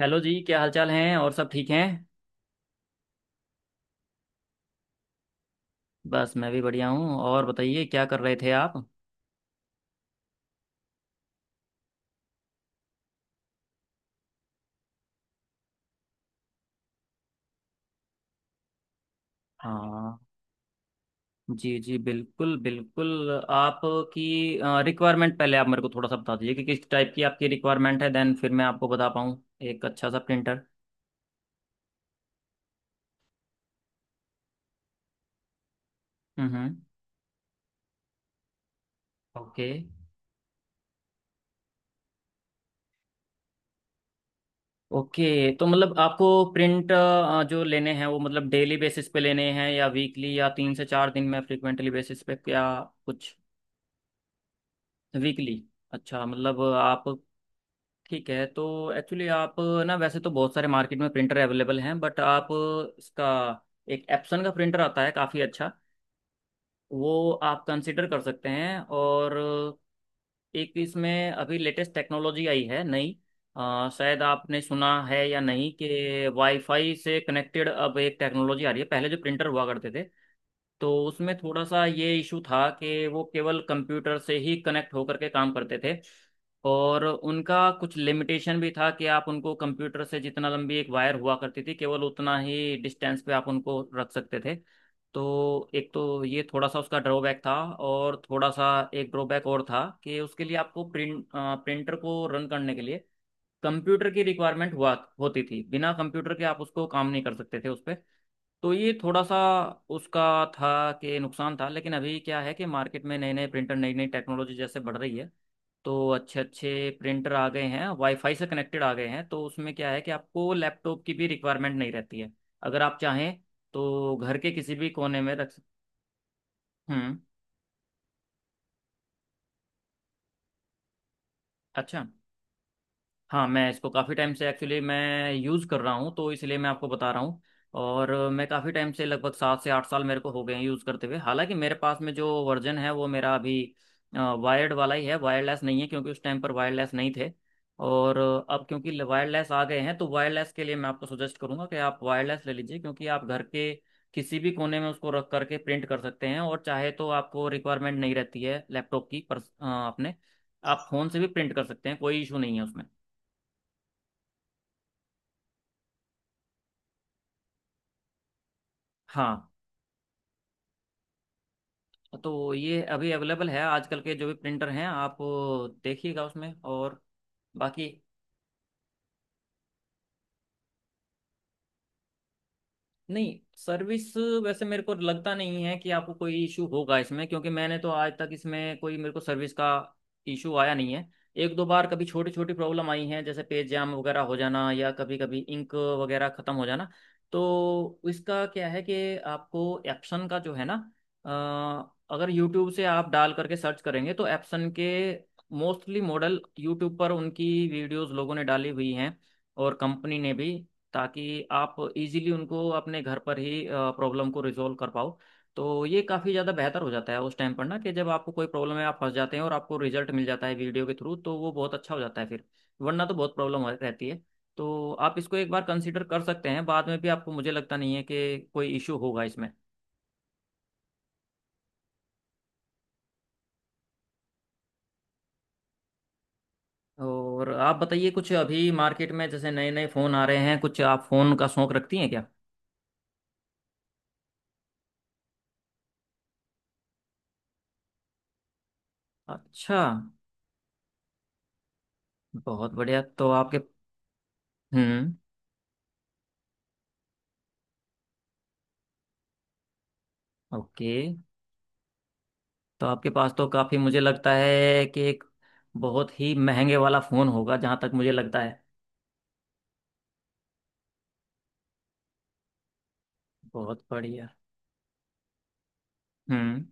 Hello जी, क्या हालचाल हैं? और सब ठीक हैं? बस, मैं भी बढ़िया हूँ। और बताइए, क्या कर रहे थे आप? हाँ। जी जी, बिल्कुल बिल्कुल। आपकी रिक्वायरमेंट पहले आप मेरे को थोड़ा सा बता दीजिए कि किस टाइप की आपकी रिक्वायरमेंट है, देन फिर मैं आपको बता पाऊँ। एक अच्छा सा प्रिंटर। हम्म। Okay okay. तो मतलब आपको प्रिंट जो लेने हैं, वो मतलब डेली बेसिस पे लेने हैं या वीकली या 3 से 4 दिन में फ्रिक्वेंटली बेसिस पे, क्या कुछ? वीकली? अच्छा, मतलब आप ठीक है तो। एक्चुअली आप ना, वैसे तो बहुत सारे मार्केट में प्रिंटर अवेलेबल हैं, बट आप इसका एक एप्सन का प्रिंटर आता है काफ़ी अच्छा। वो आप कंसिडर कर सकते हैं। और एक इसमें अभी लेटेस्ट टेक्नोलॉजी आई है नई। शायद आपने सुना है या नहीं कि वाईफाई से कनेक्टेड अब एक टेक्नोलॉजी आ रही है। पहले जो प्रिंटर हुआ करते थे, तो उसमें थोड़ा सा ये इशू था कि वो केवल कंप्यूटर से ही कनेक्ट होकर के काम करते थे। और उनका कुछ लिमिटेशन भी था कि आप उनको कंप्यूटर से जितना लंबी एक वायर हुआ करती थी, केवल उतना ही डिस्टेंस पे आप उनको रख सकते थे। तो एक तो ये थोड़ा सा उसका ड्रॉबैक था। और थोड़ा सा एक ड्रॉबैक और था कि उसके लिए आपको प्रिंटर को रन करने के लिए कंप्यूटर की रिक्वायरमेंट हुआ होती थी। बिना कंप्यूटर के आप उसको काम नहीं कर सकते थे उस पे। तो ये थोड़ा सा उसका था कि नुकसान था। लेकिन अभी क्या है कि मार्केट में नए नए प्रिंटर, नई नई टेक्नोलॉजी जैसे बढ़ रही है, तो अच्छे अच्छे प्रिंटर आ गए हैं, वाईफाई से कनेक्टेड आ गए हैं, तो उसमें क्या है कि आपको लैपटॉप की भी रिक्वायरमेंट नहीं रहती है। अगर आप चाहें तो घर के किसी भी कोने में रख सक-। हम्म। अच्छा। हाँ, मैं इसको काफ़ी टाइम से, एक्चुअली मैं यूज़ कर रहा हूँ, तो इसलिए मैं आपको बता रहा हूँ। और मैं काफ़ी टाइम से लगभग 7 से 8 साल मेरे को हो गए हैं यूज़ करते हुए। हालांकि मेरे पास में जो वर्जन है वो मेरा अभी वायर्ड वाला ही है, वायरलेस नहीं है, क्योंकि उस टाइम पर वायरलेस नहीं थे। और अब क्योंकि वायरलेस आ गए हैं तो वायरलेस के लिए मैं आपको सजेस्ट करूंगा कि आप वायरलेस ले लीजिए, क्योंकि आप घर के किसी भी कोने में उसको रख करके प्रिंट कर सकते हैं और चाहे तो आपको रिक्वायरमेंट नहीं रहती है लैपटॉप की। पर अपने आप फ़ोन से भी प्रिंट कर सकते हैं, कोई इशू नहीं है उसमें। हाँ। तो ये अभी अवेलेबल है, आजकल के जो भी प्रिंटर हैं आप देखिएगा उसमें। और बाकी, नहीं, सर्विस वैसे मेरे को लगता नहीं है कि आपको कोई इशू होगा इसमें, क्योंकि मैंने तो आज तक इसमें कोई मेरे को सर्विस का इशू आया नहीं है। एक दो बार कभी छोटी छोटी प्रॉब्लम आई है, जैसे पेज जाम वगैरह हो जाना या कभी कभी इंक वगैरह ख़त्म हो जाना। तो इसका क्या है कि आपको एप्सन का जो है ना, अगर यूट्यूब से आप डाल करके सर्च करेंगे तो एप्सन के मोस्टली मॉडल यूट्यूब पर उनकी वीडियोस लोगों ने डाली हुई हैं, और कंपनी ने भी, ताकि आप इजीली उनको अपने घर पर ही प्रॉब्लम को रिजॉल्व कर पाओ। तो ये काफ़ी ज़्यादा बेहतर हो जाता है उस टाइम पर ना, कि जब आपको कोई प्रॉब्लम है, आप फंस जाते हैं और आपको रिजल्ट मिल जाता है वीडियो के थ्रू, तो वो बहुत अच्छा हो जाता है फिर। वरना तो बहुत प्रॉब्लम रहती है। तो आप इसको एक बार कंसिडर कर सकते हैं, बाद में भी आपको, मुझे लगता नहीं है कि कोई इशू होगा इसमें। और आप बताइए, कुछ अभी मार्केट में जैसे नए नए फ़ोन आ रहे हैं, कुछ आप फ़ोन का शौक रखती हैं क्या? अच्छा, बहुत बढ़िया। तो आपके हम्म। ओके। तो आपके पास तो काफ़ी, मुझे लगता है कि एक बहुत ही महंगे वाला फ़ोन होगा, जहाँ तक मुझे लगता है। बहुत बढ़िया। हम्म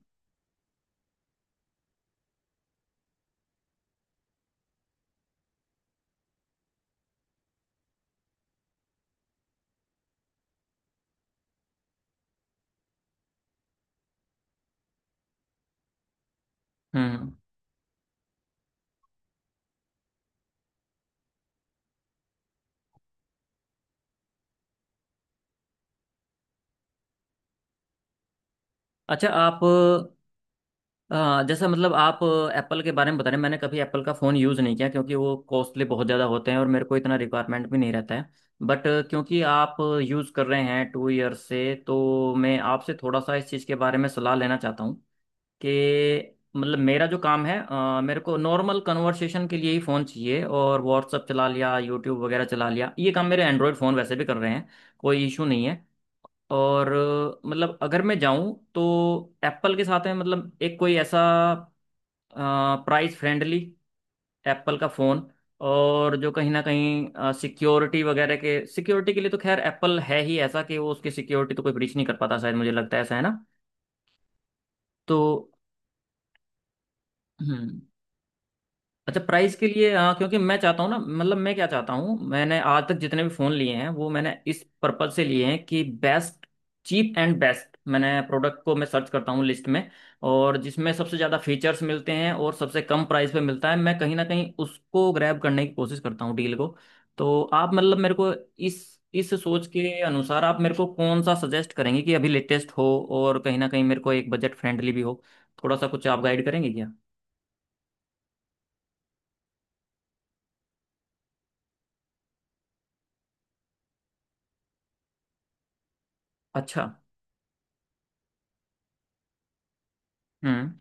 हम्म। अच्छा आप, जैसा मतलब आप एप्पल के बारे में बता रहे हैं, मैंने कभी एप्पल का फ़ोन यूज़ नहीं किया क्योंकि वो कॉस्टली बहुत ज़्यादा होते हैं और मेरे को इतना रिक्वायरमेंट भी नहीं रहता है। बट क्योंकि आप यूज़ कर रहे हैं 2 ईयर से, तो मैं आपसे थोड़ा सा इस चीज़ के बारे में सलाह लेना चाहता हूँ। कि मतलब मेरा जो काम है, मेरे को नॉर्मल कन्वर्सेशन के लिए ही फ़ोन चाहिए, और व्हाट्सअप चला लिया, यूट्यूब वगैरह चला लिया, ये काम मेरे एंड्रॉयड फ़ोन वैसे भी कर रहे हैं, कोई इशू नहीं है। और मतलब अगर मैं जाऊं तो एप्पल के साथ में, मतलब एक कोई ऐसा प्राइस फ्रेंडली एप्पल का फ़ोन, और जो कहीं ना कहीं सिक्योरिटी के लिए, तो खैर एप्पल है ही ऐसा कि वो उसकी सिक्योरिटी तो कोई ब्रीच नहीं कर पाता शायद, मुझे लगता है ऐसा, है ना? तो हम्म। अच्छा, प्राइस के लिए, हाँ, क्योंकि मैं चाहता हूँ ना, मतलब मैं क्या चाहता हूँ, मैंने आज तक जितने भी फ़ोन लिए हैं वो मैंने इस पर्पज से लिए हैं कि बेस्ट चीप एंड बेस्ट। मैंने प्रोडक्ट को, मैं सर्च करता हूँ लिस्ट में, और जिसमें सबसे ज़्यादा फीचर्स मिलते हैं और सबसे कम प्राइस पे मिलता है, मैं कहीं ना कहीं उसको ग्रैब करने की कोशिश करता हूँ डील को। तो आप मतलब मेरे को इस सोच के अनुसार आप मेरे को कौन सा सजेस्ट करेंगे कि अभी लेटेस्ट हो, और कहीं ना कहीं मेरे को एक बजट फ्रेंडली भी हो? थोड़ा सा कुछ आप गाइड करेंगे क्या? अच्छा। हम्म।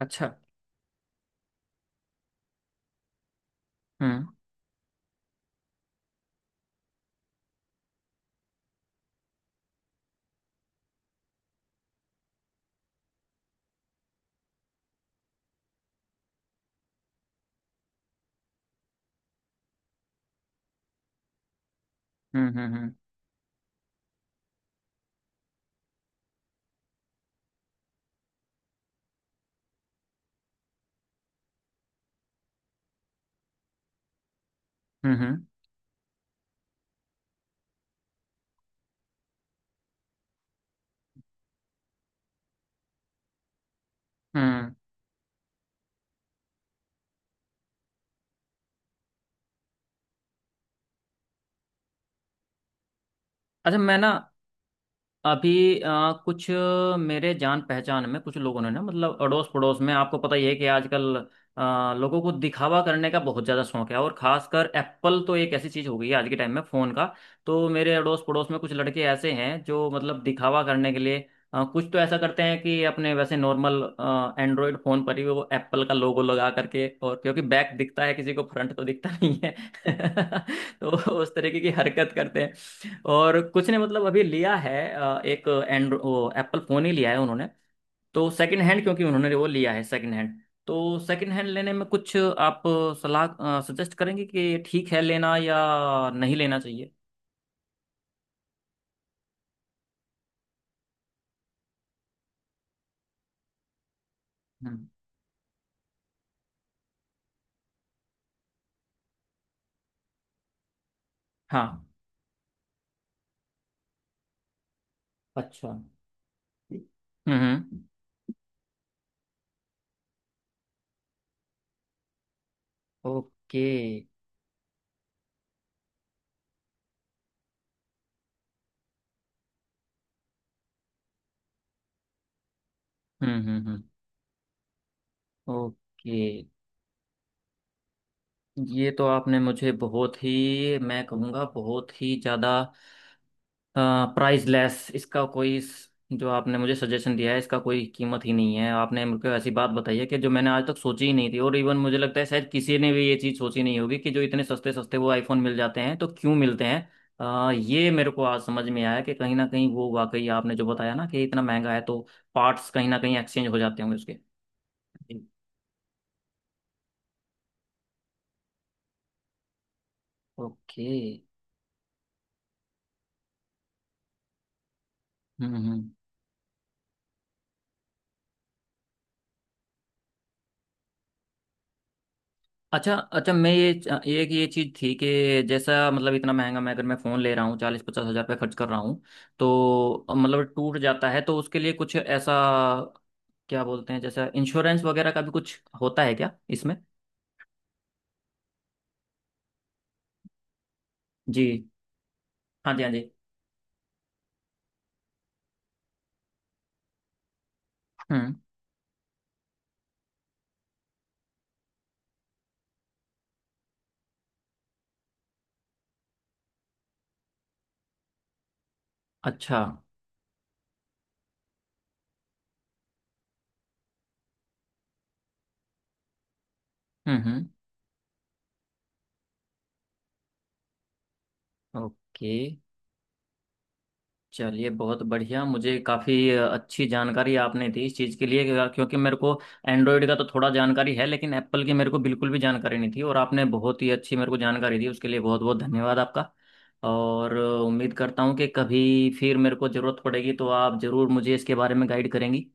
अच्छा। हम्म हम्म हम्म हम्म हम्म हम्म। अच्छा, मैं ना, अभी अ, कुछ मेरे जान पहचान में कुछ लोगों ने ना, मतलब अड़ोस पड़ोस में, आपको पता ही है कि आजकल लोगों को दिखावा करने का बहुत ज़्यादा शौक है, और खासकर एप्पल तो एक ऐसी चीज़ हो गई है आज के टाइम में फ़ोन का। तो मेरे अड़ोस पड़ोस में कुछ लड़के ऐसे हैं जो मतलब दिखावा करने के लिए कुछ तो ऐसा करते हैं कि अपने वैसे नॉर्मल एंड्रॉयड फ़ोन पर ही वो एप्पल का लोगो लगा करके, और क्योंकि बैक दिखता है किसी को, फ्रंट तो दिखता नहीं है। तो उस तरीके की हरकत करते हैं। और कुछ ने मतलब अभी लिया है, एक एंड वो एप्पल फ़ोन ही लिया है उन्होंने, तो सेकंड हैंड, क्योंकि उन्होंने वो लिया है सेकंड हैंड। तो सेकंड हैंड लेने में कुछ आप सलाह सजेस्ट करेंगे कि ठीक है लेना या नहीं लेना चाहिए? हम्म। हाँ। अच्छा। हम्म। ओके। हम्म। ओके। ये तो आपने मुझे बहुत ही, मैं कहूँगा बहुत ही ज़्यादा प्राइसलेस, इसका कोई जो आपने मुझे सजेशन दिया है इसका कोई कीमत ही नहीं है। आपने मुझको ऐसी बात बताई है कि जो मैंने आज तक सोची ही नहीं थी, और इवन मुझे लगता है शायद किसी ने भी ये चीज़ सोची नहीं होगी कि जो इतने सस्ते सस्ते वो आईफोन मिल जाते हैं तो क्यों मिलते हैं। ये मेरे को आज समझ में आया कि कहीं ना कहीं वो वाकई, आपने जो बताया ना कि इतना महंगा है तो पार्ट्स कहीं ना कहीं एक्सचेंज हो जाते होंगे उसके। जी। ओके। हम्म। अच्छा अच्छा, मैं ये एक ये चीज़ थी कि जैसा, मतलब इतना महंगा, मैं अगर मैं फ़ोन ले रहा हूँ, 40-50 हज़ार रुपये खर्च कर रहा हूँ, तो मतलब टूट जाता है तो उसके लिए कुछ ऐसा क्या बोलते हैं, जैसा इंश्योरेंस वगैरह का भी कुछ होता है क्या इसमें? जी। हाँ जी। हाँ जी। हम्म। अच्छा। हम्म। ओके। चलिए बहुत बढ़िया, मुझे काफ़ी अच्छी जानकारी आपने दी इस चीज़ के लिए, क्योंकि मेरे को एंड्रॉयड का तो थोड़ा जानकारी है लेकिन एप्पल की मेरे को बिल्कुल भी जानकारी नहीं थी, और आपने बहुत ही अच्छी मेरे को जानकारी दी उसके लिए बहुत बहुत धन्यवाद आपका। और उम्मीद करता हूँ कि कभी फिर मेरे को ज़रूरत पड़ेगी तो आप ज़रूर मुझे इसके बारे में गाइड करेंगी।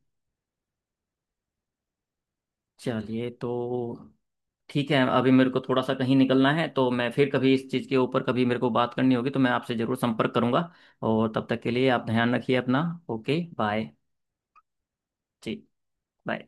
चलिए तो ठीक है, अभी मेरे को थोड़ा सा कहीं निकलना है, तो मैं फिर कभी इस चीज़ के ऊपर, कभी मेरे को बात करनी होगी तो मैं आपसे ज़रूर संपर्क करूंगा। और तब तक के लिए आप ध्यान रखिए अपना। Okay bye. जी। Bye.